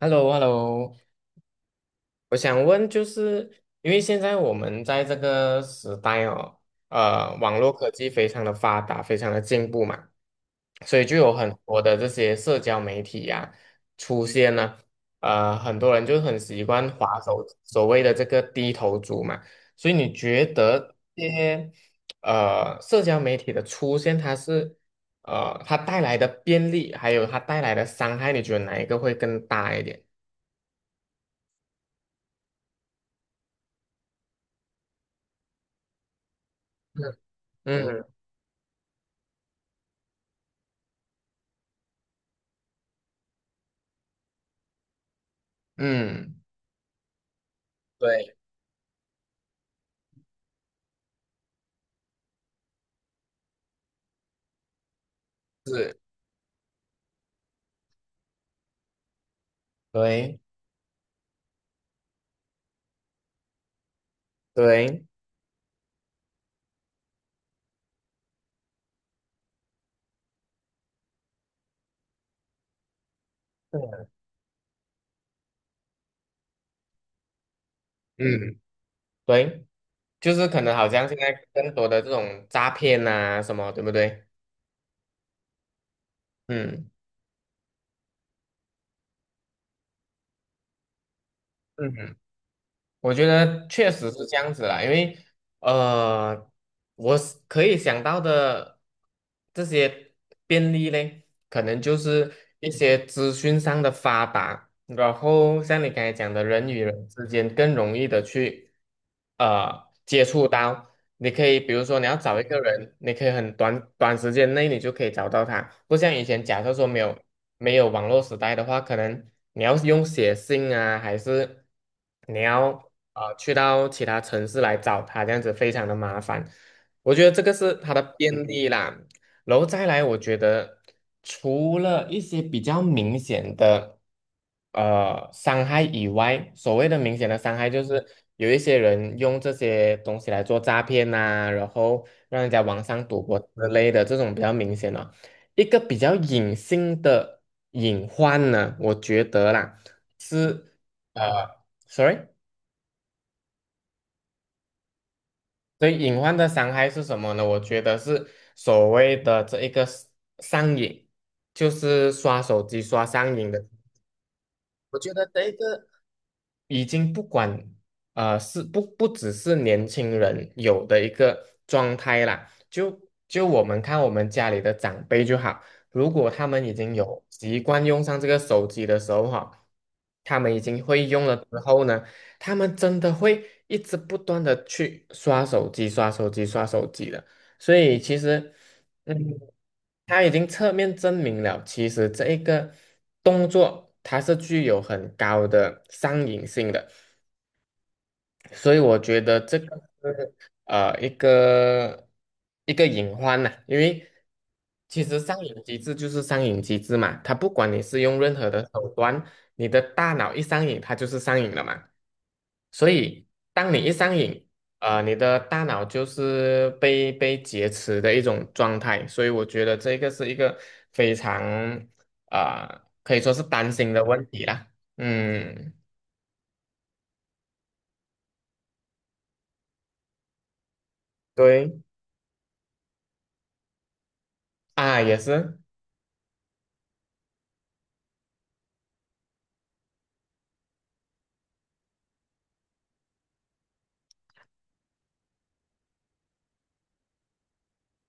h e l l o h e l l o 我想问，就是因为现在我们在这个时代哦，网络科技非常的发达，非常的进步嘛，所以就有很多的这些社交媒体呀、出现呢，很多人就很习惯滑手，所谓的这个低头族嘛，所以你觉得这些社交媒体的出现，它是它带来的便利，还有它带来的伤害，你觉得哪一个会更大一点？嗯。嗯，对，对对。嗯，对，就是可能好像现在更多的这种诈骗啊什么，对不对？嗯嗯，我觉得确实是这样子啦，因为呃，我是可以想到的这些便利嘞，可能就是一些资讯上的发达，然后像你刚才讲的，人与人之间更容易的去接触到。你可以比如说你要找一个人，你可以很短时间内你就可以找到他，不像以前假设说没有。没有网络时代的话，可能你要用写信啊，还是你要去到其他城市来找他，这样子非常的麻烦。我觉得这个是它的便利啦。然后再来，我觉得除了一些比较明显的伤害以外，所谓的明显的伤害就是有一些人用这些东西来做诈骗呐、然后让人家网上赌博之类的这种比较明显的。一个比较隐性的隐患呢，我觉得啦，是呃，sorry，对，隐患的伤害是什么呢？我觉得是所谓的这一个 上瘾，就是刷手机刷上瘾的。我觉得这一个已经不管是不只是年轻人有的一个状态啦，就我们看我们家里的长辈就好，如果他们已经有习惯用上这个手机的时候哈，他们已经会用了之后呢，他们真的会一直不断的去刷手机、刷手机、刷手机的，所以其实。嗯，他已经侧面证明了，其实这一个动作它是具有很高的上瘾性的，所以我觉得这个是一个隐患呐、因为其实上瘾机制就是上瘾机制嘛，它不管你是用任何的手段，你的大脑一上瘾，它就是上瘾了嘛。所以当你一上瘾，你的大脑就是被劫持的一种状态，所以我觉得这个是一个非常啊、可以说是担心的问题啦。嗯，对啊，也是。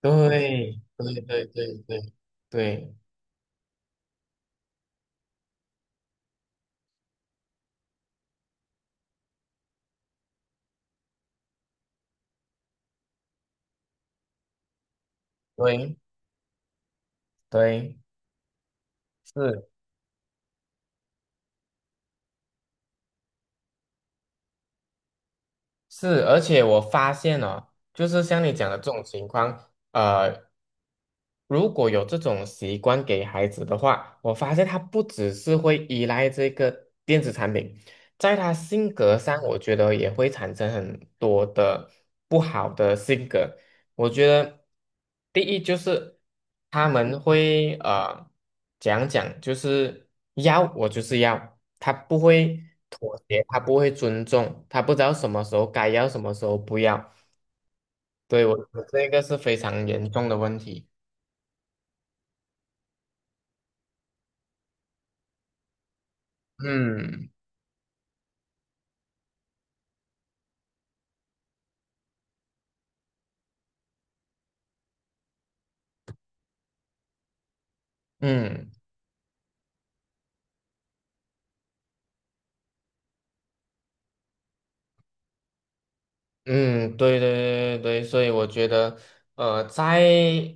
对对对对对对对对，是是，而且我发现哦，就是像你讲的这种情况，如果有这种习惯给孩子的话，我发现他不只是会依赖这个电子产品，在他性格上，我觉得也会产生很多的不好的性格。我觉得第一就是他们会讲，就是要我就是要，他不会妥协，他不会尊重，他不知道什么时候该要，什么时候不要。对，我觉得这个是非常严重的问题。嗯。嗯嗯，对对对对对所以我觉得，在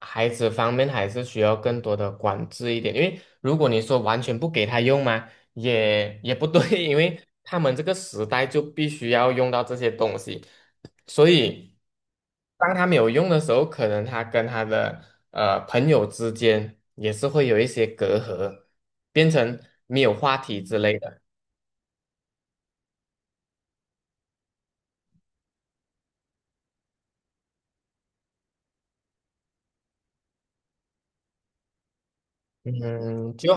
孩子方面还是需要更多的管制一点，因为如果你说完全不给他用嘛，也不对，因为他们这个时代就必须要用到这些东西，所以当他没有用的时候，可能他跟他的朋友之间也是会有一些隔阂，变成没有话题之类的。嗯，就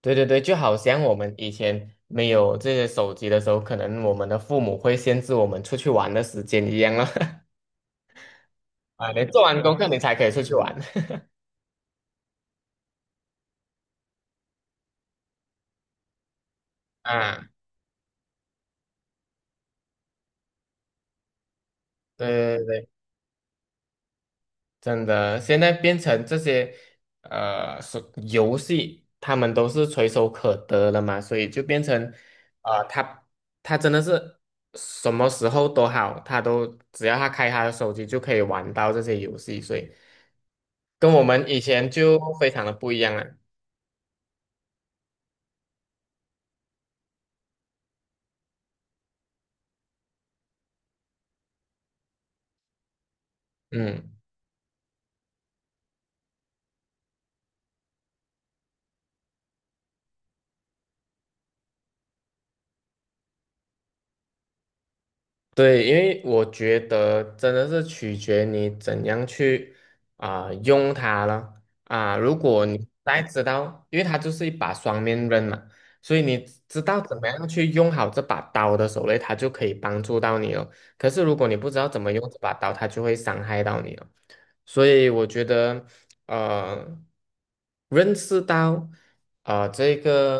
对对对，就好像我们以前没有这些手机的时候，可能我们的父母会限制我们出去玩的时间一样了。啊，你做完功课你才可以出去玩。啊，对对对对，真的，现在变成这些手游戏，他们都是垂手可得了嘛，所以就变成呃，他他真的是什么时候都好，他都只要他开他的手机就可以玩到这些游戏，所以跟我们以前就非常的不一样了。嗯，对，因为我觉得真的是取决你怎样去啊、用它了啊。如果你大家知道，因为它就是一把双面刃嘛，所以你知道怎么样去用好这把刀的手候嘞它就可以帮助到你了。可是如果你不知道怎么用这把刀，它就会伤害到你了。所以我觉得，呃，认识到啊、这个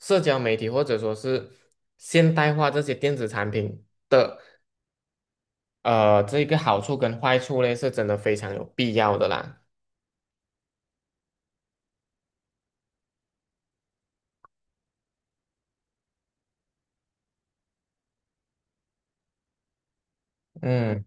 社交媒体或者说是现代化这些电子产品的这个好处跟坏处呢，是真的非常有必要的啦。嗯，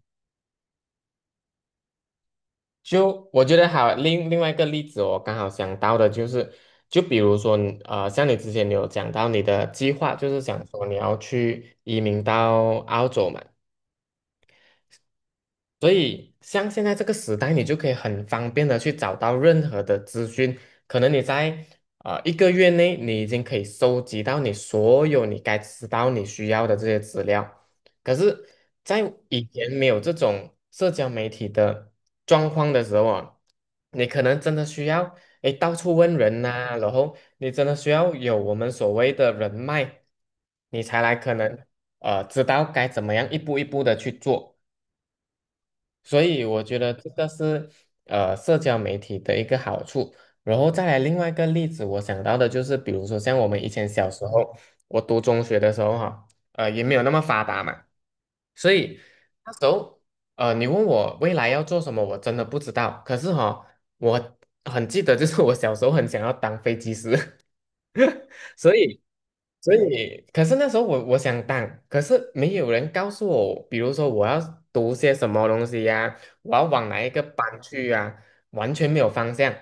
就我觉得好，另外一个例子，我刚好想到的就是，就比如说你，像你之前你有讲到你的计划，就是想说你要去移民到澳洲嘛。所以，像现在这个时代，你就可以很方便的去找到任何的资讯。可能你在一个月内，你已经可以收集到你所有你该知道、你需要的这些资料。可是，在以前没有这种社交媒体的状况的时候啊，你可能真的需要诶到处问人呐、然后你真的需要有我们所谓的人脉，你才来可能知道该怎么样一步一步的去做。所以我觉得这个是社交媒体的一个好处。然后再来另外一个例子，我想到的就是，比如说像我们以前小时候，我读中学的时候哈，也没有那么发达嘛，所以那时候你问我未来要做什么，我真的不知道。可是哈、我很记得，就是我小时候很想要当飞机师，所以可是那时候我想当，可是没有人告诉我，比如说我要读些什么东西呀、我要往哪一个班去呀、完全没有方向，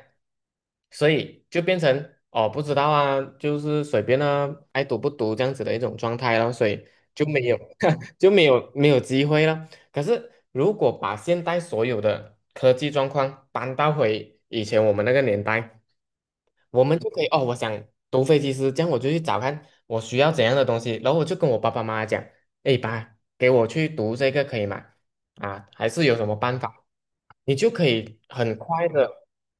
所以就变成哦不知道啊，就是随便啊，爱读不读这样子的一种状态咯，所以就没有 就没有机会了。可是如果把现代所有的科技状况搬到回以前我们那个年代，我们就可以哦，我想读飞机师，这样我就去找看我需要怎样的东西，然后我就跟我爸爸妈妈讲，哎爸，给我去读这个可以吗？啊，还是有什么办法？你就可以很快的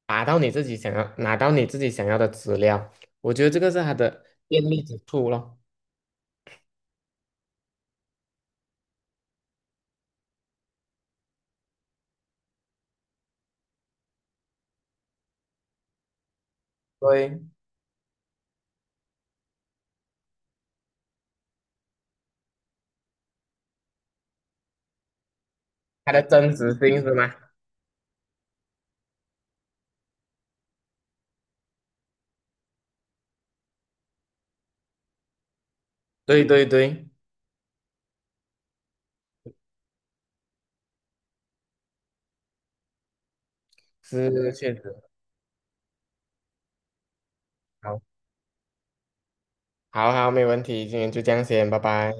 达到你自己想要拿到你自己想要的资料，我觉得这个是它的便利之处咯。对，它的真实性是吗？对对对，是确实。好，好好，没问题，今天就这样先，拜拜。